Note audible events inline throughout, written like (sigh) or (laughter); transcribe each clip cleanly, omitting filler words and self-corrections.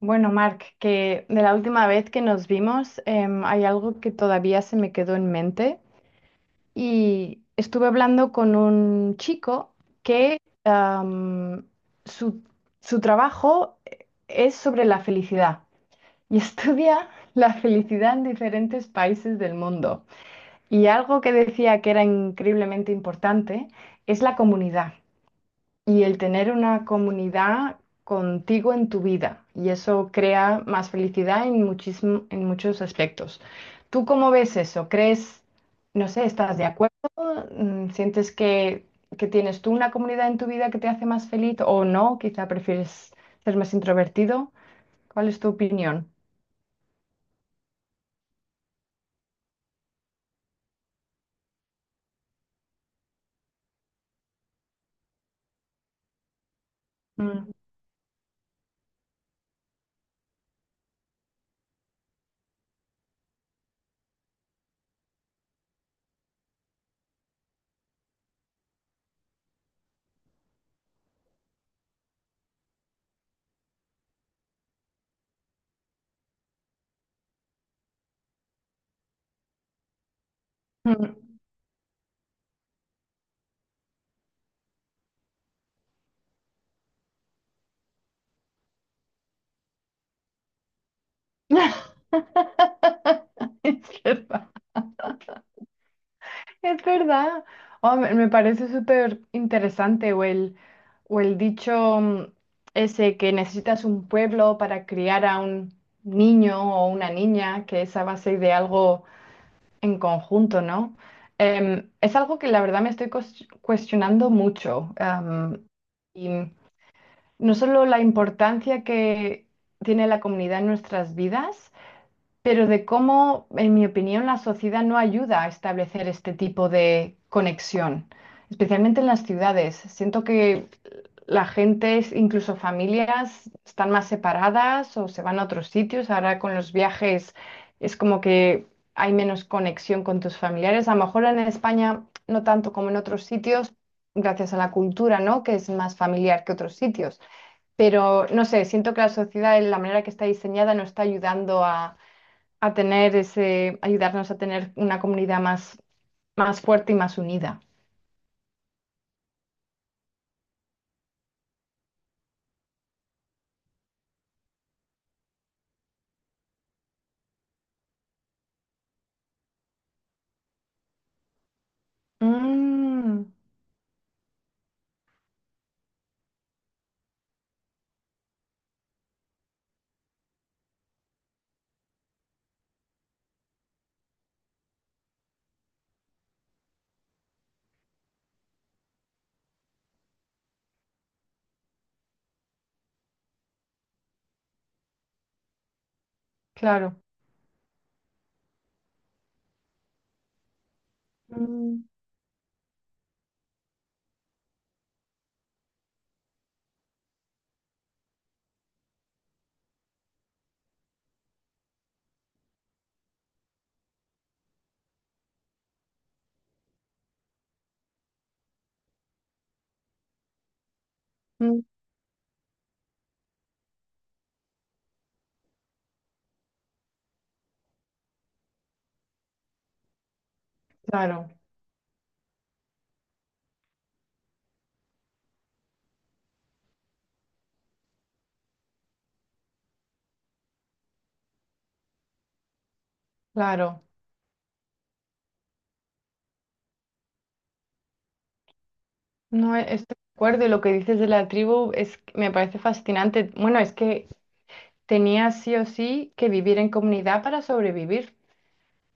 Bueno, Marc, que de la última vez que nos vimos, hay algo que todavía se me quedó en mente y estuve hablando con un chico que am, su, su trabajo es sobre la felicidad (laughs) y estudia la felicidad en diferentes países del mundo. Y algo que decía que era increíblemente importante es la comunidad y el tener una comunidad contigo en tu vida. Y eso crea más felicidad en muchos aspectos. ¿Tú cómo ves eso? ¿Crees, no sé, estás de acuerdo? ¿Sientes que tienes tú una comunidad en tu vida que te hace más feliz o no? Quizá prefieres ser más introvertido. ¿Cuál es tu opinión? Mm. Mm. (laughs) Es verdad. Es verdad. Oh, me parece súper interesante o el dicho ese que necesitas un pueblo para criar a un niño o una niña, que es a base de algo en conjunto, ¿no? Es algo que la verdad me estoy cuestionando mucho. Y no solo la importancia que tiene la comunidad en nuestras vidas, pero de cómo, en mi opinión, la sociedad no ayuda a establecer este tipo de conexión, especialmente en las ciudades. Siento que la gente, incluso familias, están más separadas o se van a otros sitios. Ahora con los viajes es como que hay menos conexión con tus familiares. A lo mejor en España no tanto como en otros sitios, gracias a la cultura, ¿no? Que es más familiar que otros sitios. Pero no sé, siento que la sociedad, en la manera que está diseñada, no está ayudando a tener ese, ayudarnos a tener una comunidad más fuerte y más unida. Mm, claro, mm, mm, claro, claro. No, estoy de acuerdo y lo que dices de la tribu es, que me parece fascinante. Bueno, es que tenía sí o sí que vivir en comunidad para sobrevivir,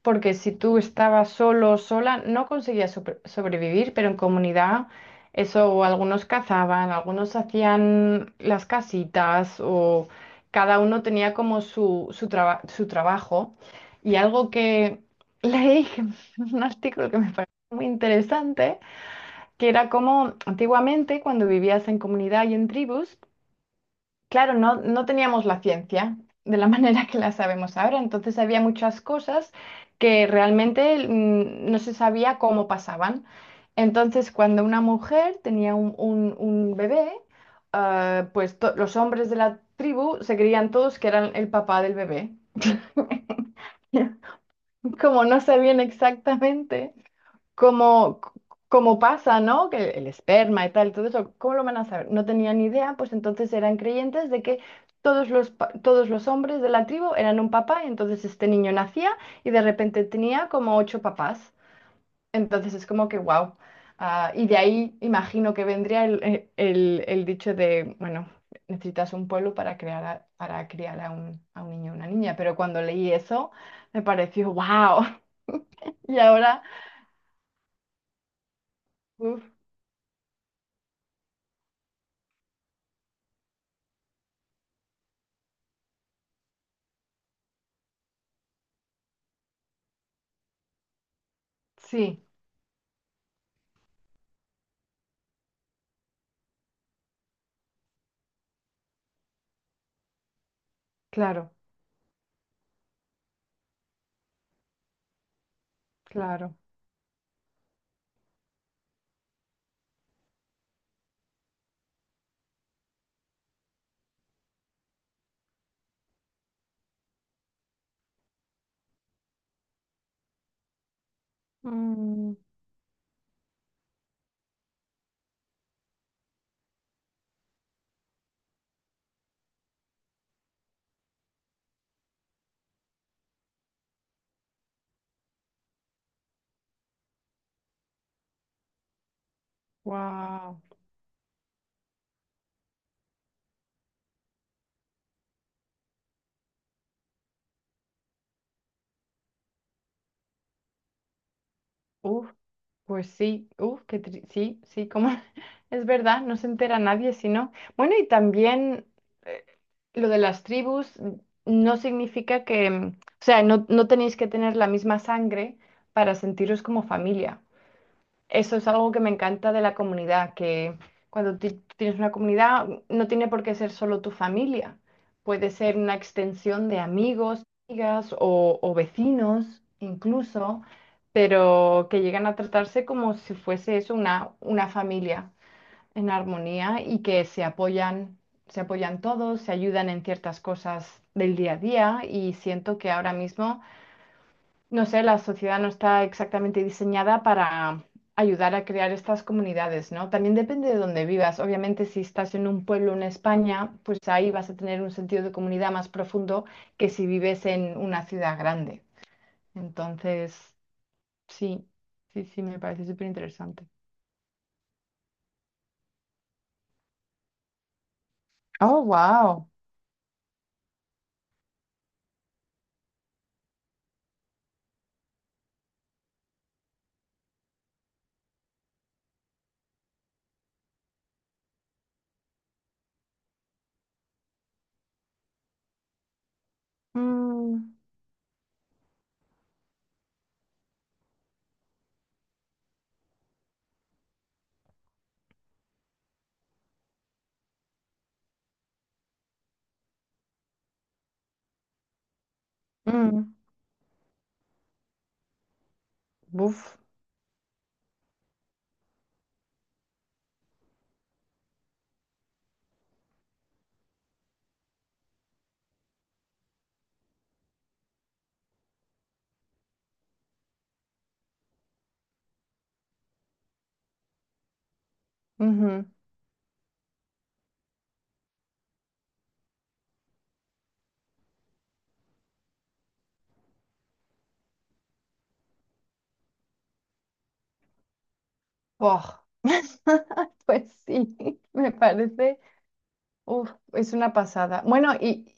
porque si tú estabas solo o sola, no conseguías sobrevivir, pero en comunidad, eso, algunos cazaban, algunos hacían las casitas, o cada uno tenía como su trabajo. Y algo que leí, (laughs) un artículo que me pareció muy interesante, que era como antiguamente, cuando vivías en comunidad y en tribus. Claro, no, no teníamos la ciencia de la (laughs) manera que la sabemos ahora, entonces había muchas cosas que realmente no se sabía cómo pasaban. Entonces, cuando una mujer tenía un bebé, pues los hombres de la tribu se creían todos que eran el papá del bebé. (laughs) Como no sabían exactamente como, como pasa, ¿no? Que el esperma y tal, todo eso, ¿cómo lo van a saber? No tenían ni idea, pues entonces eran creyentes de que todos los hombres de la tribu eran un papá, y entonces este niño nacía y de repente tenía como ocho papás. Entonces es como que, wow. Y de ahí imagino que vendría el, el dicho de, bueno, necesitas un pueblo para para criar a a un niño o una niña, pero cuando leí eso me pareció, wow. (laughs) Y ahora, uf, sí, claro. Claro. Wow. Uf, pues sí, uf, que sí, sí, como (laughs) es verdad, no se entera nadie si no. Bueno, y también eh, lo de las tribus no significa que, mm, o sea, no, no tenéis que tener la misma sangre para sentiros como familia. Eso es algo que me encanta de la comunidad, que cuando tú tienes una comunidad no tiene por qué ser solo tu familia, puede ser una extensión de amigos, amigas o vecinos incluso, pero que llegan a tratarse como si fuese eso una familia en armonía y que se apoyan todos, se ayudan en ciertas cosas del día a día y siento que ahora mismo... No sé, la sociedad no está exactamente diseñada para ayudar a crear estas comunidades, ¿no? También depende de dónde vivas. Obviamente, si estás en un pueblo en España, pues ahí vas a tener un sentido de comunidad más profundo que si vives en una ciudad grande. Entonces, sí, sí, sí, me parece súper interesante. Oh, wow. Mm, mm, buf, ujú. Oh, pues sí, (laughs) me parece. Uf, es una pasada. Bueno, y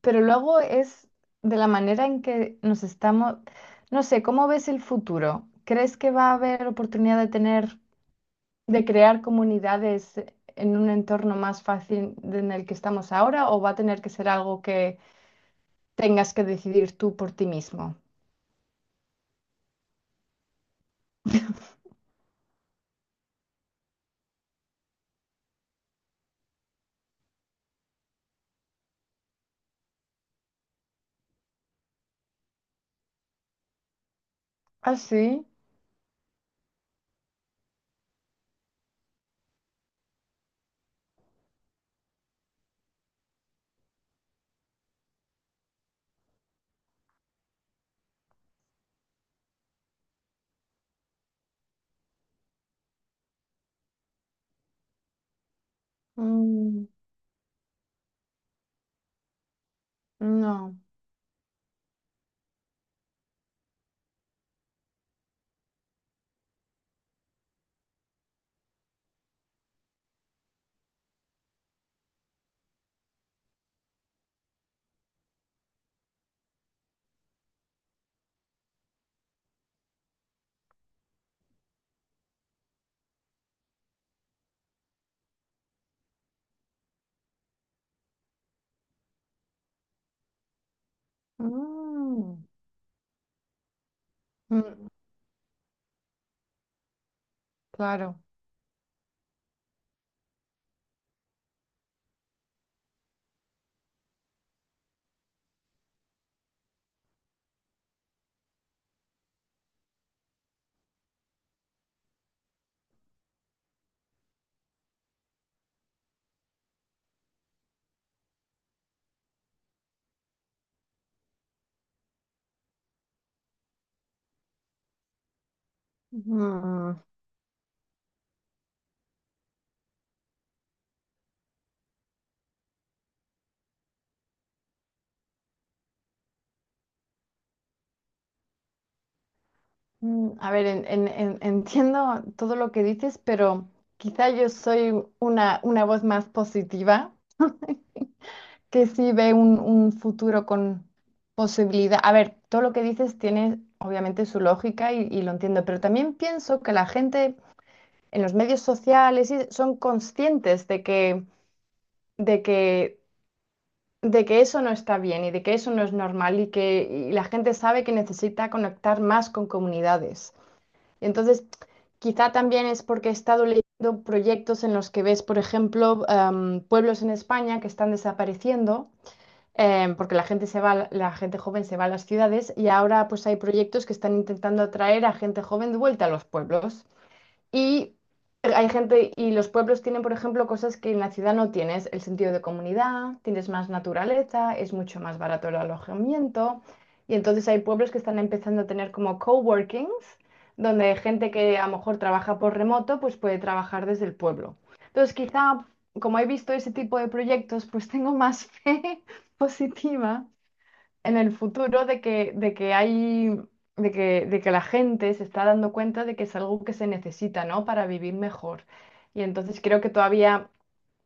pero luego es de la manera en que nos estamos, no sé, ¿cómo ves el futuro? ¿Crees que va a haber oportunidad de tener, de crear comunidades en un entorno más fácil en el que estamos ahora o va a tener que ser algo que tengas que decidir tú por ti mismo? Ah, sí. Mm, no. Mm, mm, claro. Mm. Mm, a ver, entiendo todo lo que dices, pero quizá yo soy una voz más positiva que sí ve un futuro con posibilidad. A ver, todo lo que dices tiene obviamente su lógica y lo entiendo, pero también pienso que la gente en los medios sociales son conscientes de que, de que eso no está bien y de que eso no es normal y que y la gente sabe que necesita conectar más con comunidades. Entonces, quizá también es porque he estado leyendo proyectos en los que ves, por ejemplo, pueblos en España que están desapareciendo, porque la gente se va, a la gente joven se va a las ciudades y ahora pues hay proyectos que están intentando atraer a gente joven de vuelta a los pueblos. Y hay gente, y los pueblos tienen, por ejemplo, cosas que en la ciudad no tienes, el sentido de comunidad, tienes más naturaleza, es mucho más barato el alojamiento. Y entonces hay pueblos que están empezando a tener como coworkings, donde gente que a lo mejor trabaja por remoto, pues puede trabajar desde el pueblo. Entonces, quizá, como he visto ese tipo de proyectos, pues tengo más (laughs) fe positiva en el futuro de que hay, de que la gente se está dando cuenta de que es algo que se necesita, ¿no? Para vivir mejor. Y entonces creo que todavía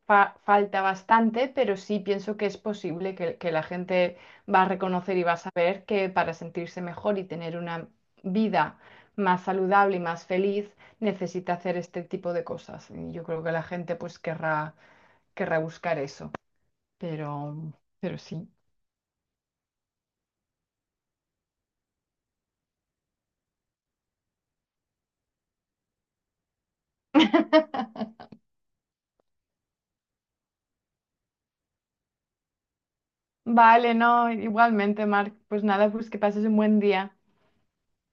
falta bastante, pero sí pienso que es posible que la gente va a reconocer y va a saber que para sentirse mejor y tener una vida más saludable y más feliz, necesita hacer este tipo de cosas. Y yo creo que la gente pues querrá, querrá buscar eso. Pero, pero sí. Vale, no, igualmente, Marc. Pues nada, pues que pases un buen día.